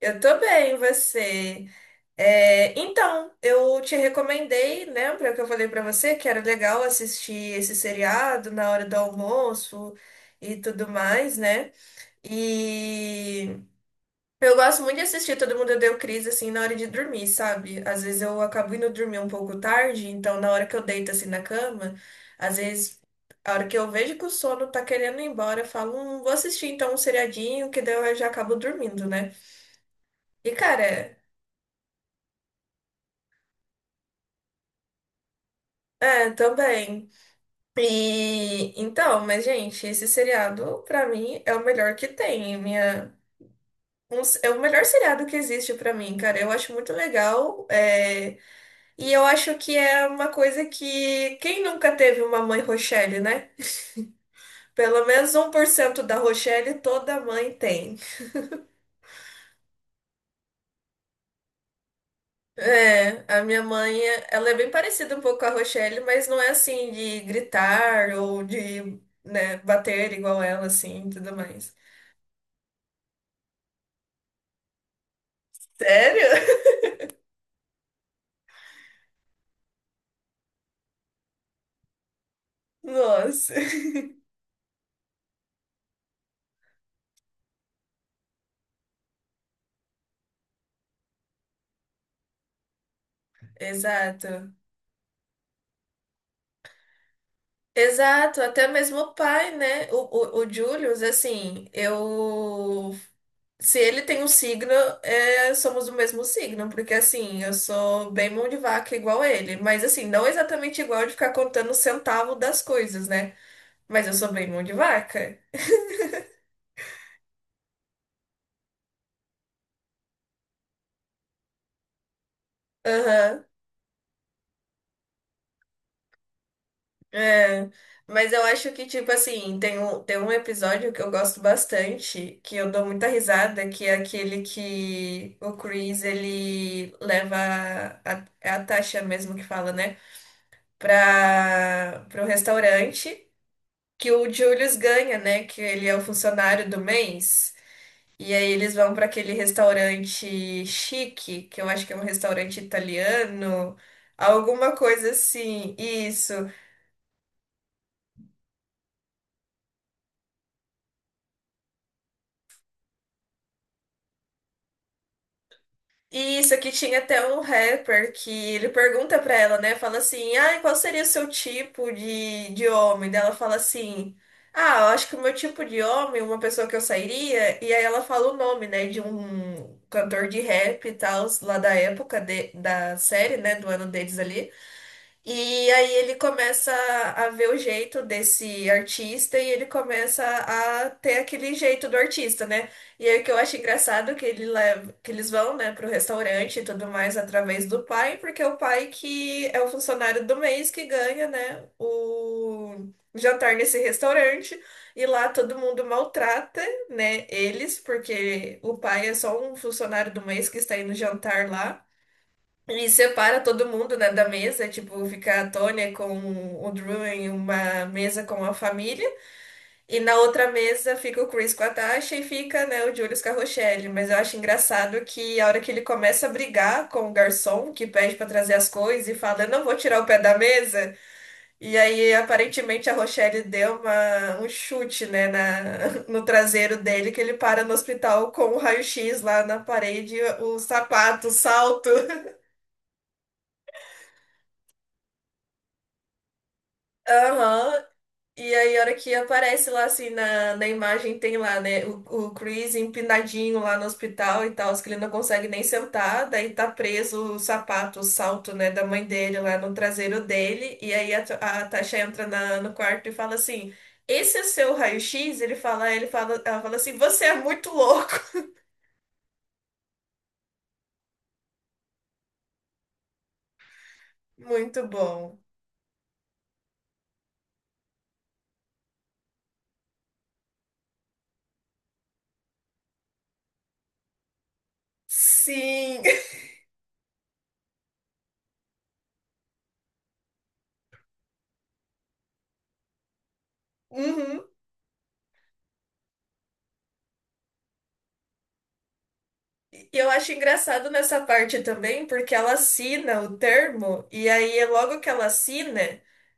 Eu tô bem, você? É, então, eu te recomendei, lembra que eu falei pra você que era legal assistir esse seriado na hora do almoço e tudo mais, né? E eu gosto muito de assistir Todo Mundo Deu Crise assim na hora de dormir, sabe? Às vezes eu acabo indo dormir um pouco tarde, então na hora que eu deito assim na cama, às vezes a hora que eu vejo que o sono tá querendo ir embora, eu falo, vou assistir então um seriadinho que daí eu já acabo dormindo, né? E, cara, é, também. E então, mas gente, esse seriado pra mim é o melhor que tem. É o melhor seriado que existe pra mim, cara. Eu acho muito legal. É, e eu acho que é uma coisa que quem nunca teve uma mãe Rochelle, né? Pelo menos 1% da Rochelle toda mãe tem. É, a minha mãe, ela é bem parecida um pouco com a Rochelle, mas não é assim de gritar ou de, né, bater igual ela assim, e tudo mais. Sério? Nossa. Exato. Exato, até mesmo o pai, né? O Julius, assim, eu. Se ele tem um signo, é, somos do mesmo signo, porque assim, eu sou bem mão de vaca igual ele, mas assim, não exatamente igual de ficar contando o centavo das coisas, né? Mas eu sou bem mão de vaca. Aham. É, mas eu acho que, tipo assim, tem um episódio que eu gosto bastante, que eu dou muita risada, que é aquele que o Chris, ele leva a, é a Tasha mesmo que fala, né, pro restaurante que o Julius ganha, né, que ele é o funcionário do mês. E aí eles vão pra aquele restaurante chique, que eu acho que é um restaurante italiano, alguma coisa assim, isso. E isso, aqui tinha até um rapper que ele pergunta pra ela, né? Fala assim, ah, qual seria o seu tipo de homem? Daí ela fala assim, ah, eu acho que o meu tipo de homem, uma pessoa que eu sairia, e aí ela fala o nome, né, de um cantor de rap e tal, lá da época da série, né, do ano deles ali. E aí ele começa a ver o jeito desse artista e ele começa a ter aquele jeito do artista, né? E aí o que eu acho engraçado é que ele leva, que eles vão, né, pro restaurante e tudo mais através do pai, porque é o pai que é o funcionário do mês que ganha, né, o jantar nesse restaurante e lá todo mundo maltrata, né, eles, porque o pai é só um funcionário do mês que está indo jantar lá. E separa todo mundo, né, da mesa, tipo, fica a Tônia com o Drew em uma mesa com a família, e na outra mesa fica o Chris com a Tasha e fica, né, o Julius com a Rochelle. Mas eu acho engraçado que a hora que ele começa a brigar com o garçom, que pede pra trazer as coisas, e fala, eu não vou tirar o pé da mesa, e aí aparentemente a Rochelle deu uma, um chute, né, na, no traseiro dele, que ele para no hospital com o raio-x lá na parede, o sapato, o salto. Aham. E aí, a hora que aparece lá, assim, na, na imagem, tem lá, né, o Chris empinadinho lá no hospital e tal, que ele não consegue nem sentar, daí tá preso o sapato, o salto, né, da mãe dele lá no traseiro dele, e aí a Tasha entra no quarto e fala assim, esse é seu raio-x? Ele fala, ela fala assim, você é muito louco. Muito bom. Sim. Uhum. E eu acho engraçado nessa parte também, porque ela assina o termo, e aí logo que ela assina,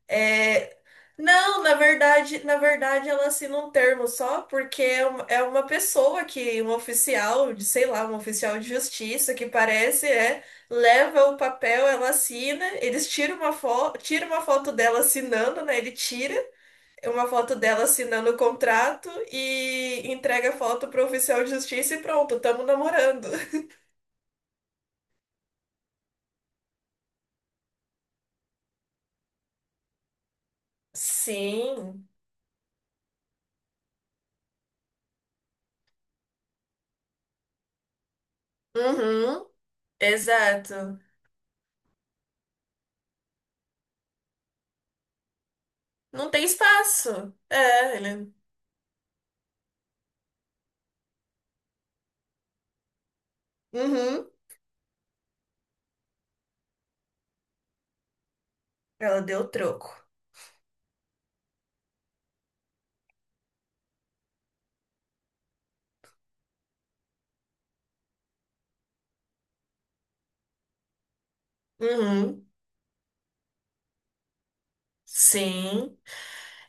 é... Não, na verdade ela assina um termo só porque é uma pessoa que, um oficial de, sei lá, um oficial de justiça que parece, é, leva o papel, ela assina, eles tiram uma foto, tira uma foto dela assinando, né? Ele tira uma foto dela assinando o contrato e entrega a foto pro oficial de justiça e pronto, tamo namorando. Sim. Uhum. Exato. Não tem espaço. É, ele. Uhum. Ela deu o troco. Uhum. Sim.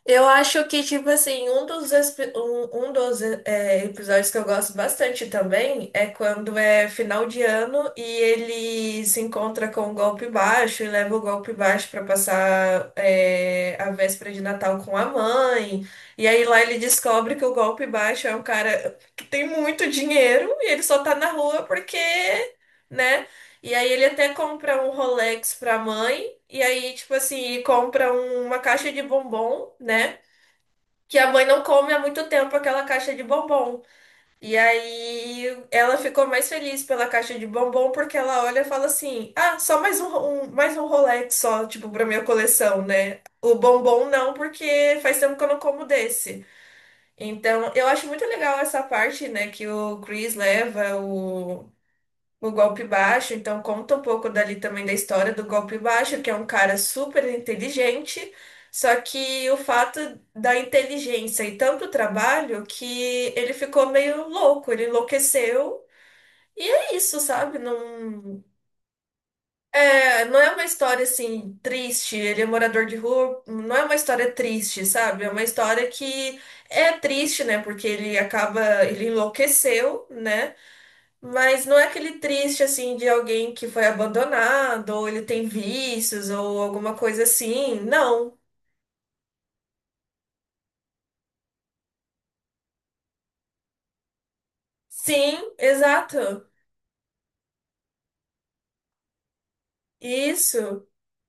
Eu acho que, tipo assim, um dos é, episódios que eu gosto bastante também é quando é final de ano e ele se encontra com o golpe baixo e leva o golpe baixo pra passar é, a véspera de Natal com a mãe. E aí lá ele descobre que o golpe baixo é um cara que tem muito dinheiro e ele só tá na rua porque, né? E aí ele até compra um Rolex pra mãe. E aí, tipo assim, uma caixa de bombom, né? Que a mãe não come há muito tempo aquela caixa de bombom. E aí ela ficou mais feliz pela caixa de bombom porque ela olha e fala assim: ah, só mais um, um- mais um Rolex só, tipo, pra minha coleção, né? O bombom não, porque faz tempo que eu não como desse. Então, eu acho muito legal essa parte, né, que o Chris leva o Golpe Baixo, então conta um pouco dali também da história do Golpe Baixo, que é um cara super inteligente, só que o fato da inteligência e tanto trabalho que ele ficou meio louco, ele enlouqueceu. E é isso, sabe? Não é uma história assim triste, ele é morador de rua, não é uma história triste, sabe? É uma história que é triste, né? Porque ele acaba, ele enlouqueceu, né? Mas não é aquele triste assim de alguém que foi abandonado, ou ele tem vícios, ou alguma coisa assim. Não. Sim, exato. Isso.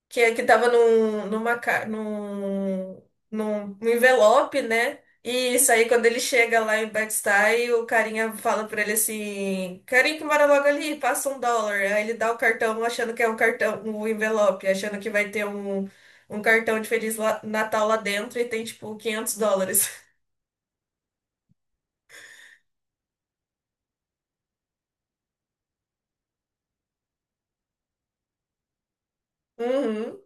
Que é que tava num, numa, ca- num, num, num envelope, né? E isso aí, quando ele chega lá em Bed-Stuy, o carinha fala pra ele assim: carinha que mora logo ali, passa um dólar. Aí ele dá o cartão achando que é um cartão, um envelope, achando que vai ter um cartão de Feliz Natal lá dentro e tem tipo US$ 500. Uhum,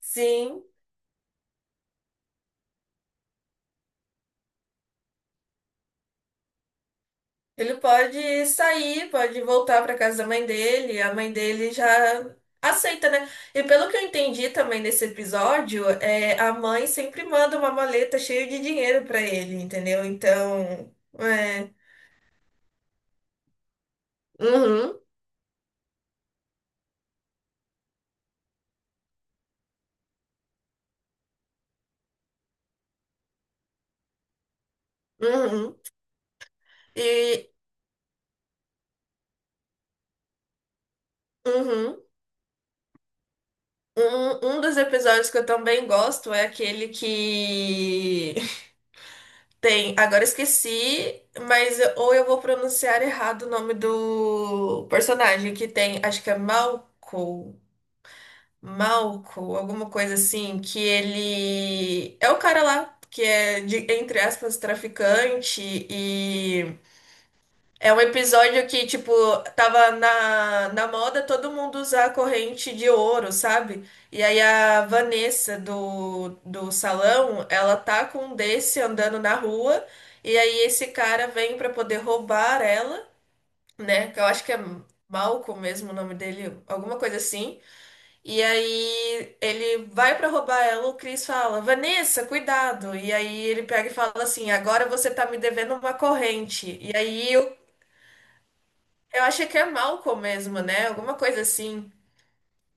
sim. Ele pode sair, pode voltar para casa da mãe dele, a mãe dele já aceita, né? E pelo que eu entendi também nesse episódio, é, a mãe sempre manda uma maleta cheia de dinheiro para ele, entendeu? Então, é. Uhum, uhum. E uhum. Um dos episódios que eu também gosto é aquele que tem, agora eu esqueci, mas ou eu vou pronunciar errado o nome do personagem que tem, acho que é Malco, Malco, alguma coisa assim, que ele é o cara lá que é de, entre aspas, traficante e é um episódio que, tipo, tava na, na moda todo mundo usar a corrente de ouro, sabe? E aí a Vanessa do salão, ela tá com um desse andando na rua, e aí esse cara vem pra poder roubar ela, né? Que eu acho que é Malcolm mesmo o nome dele, alguma coisa assim. E aí ele vai pra roubar ela, o Chris fala, Vanessa, cuidado. E aí ele pega e fala assim, agora você tá me devendo uma corrente. E aí eu achei que é Malcolm mesmo, né? Alguma coisa assim.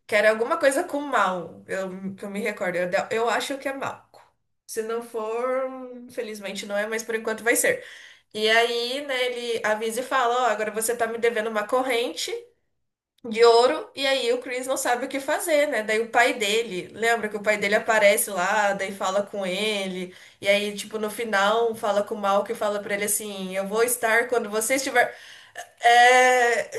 Que era alguma coisa com mal, eu, que eu me recordo. Eu acho que é Malcolm. Se não for, infelizmente não é, mas por enquanto vai ser. E aí, né, ele avisa e fala: ó, agora você tá me devendo uma corrente de ouro. E aí o Chris não sabe o que fazer, né? Daí o pai dele, lembra que o pai dele aparece lá, daí fala com ele. E aí, tipo, no final, fala com o Malcolm e fala pra ele assim: eu vou estar quando você estiver. É...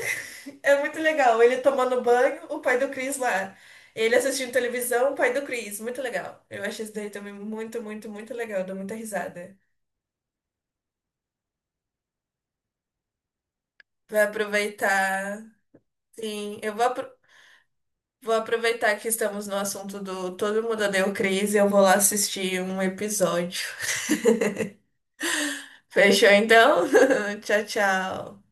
é muito legal. Ele tomando banho, o pai do Chris lá. Ele assistindo televisão, o pai do Chris. Muito legal. Eu achei isso daí também muito, muito, muito legal. Dou muita risada. Vai aproveitar. Sim, vou aproveitar que estamos no assunto do Todo Mundo Odeia o Chris e eu vou lá assistir um episódio. Fechou então? Tchau, tchau.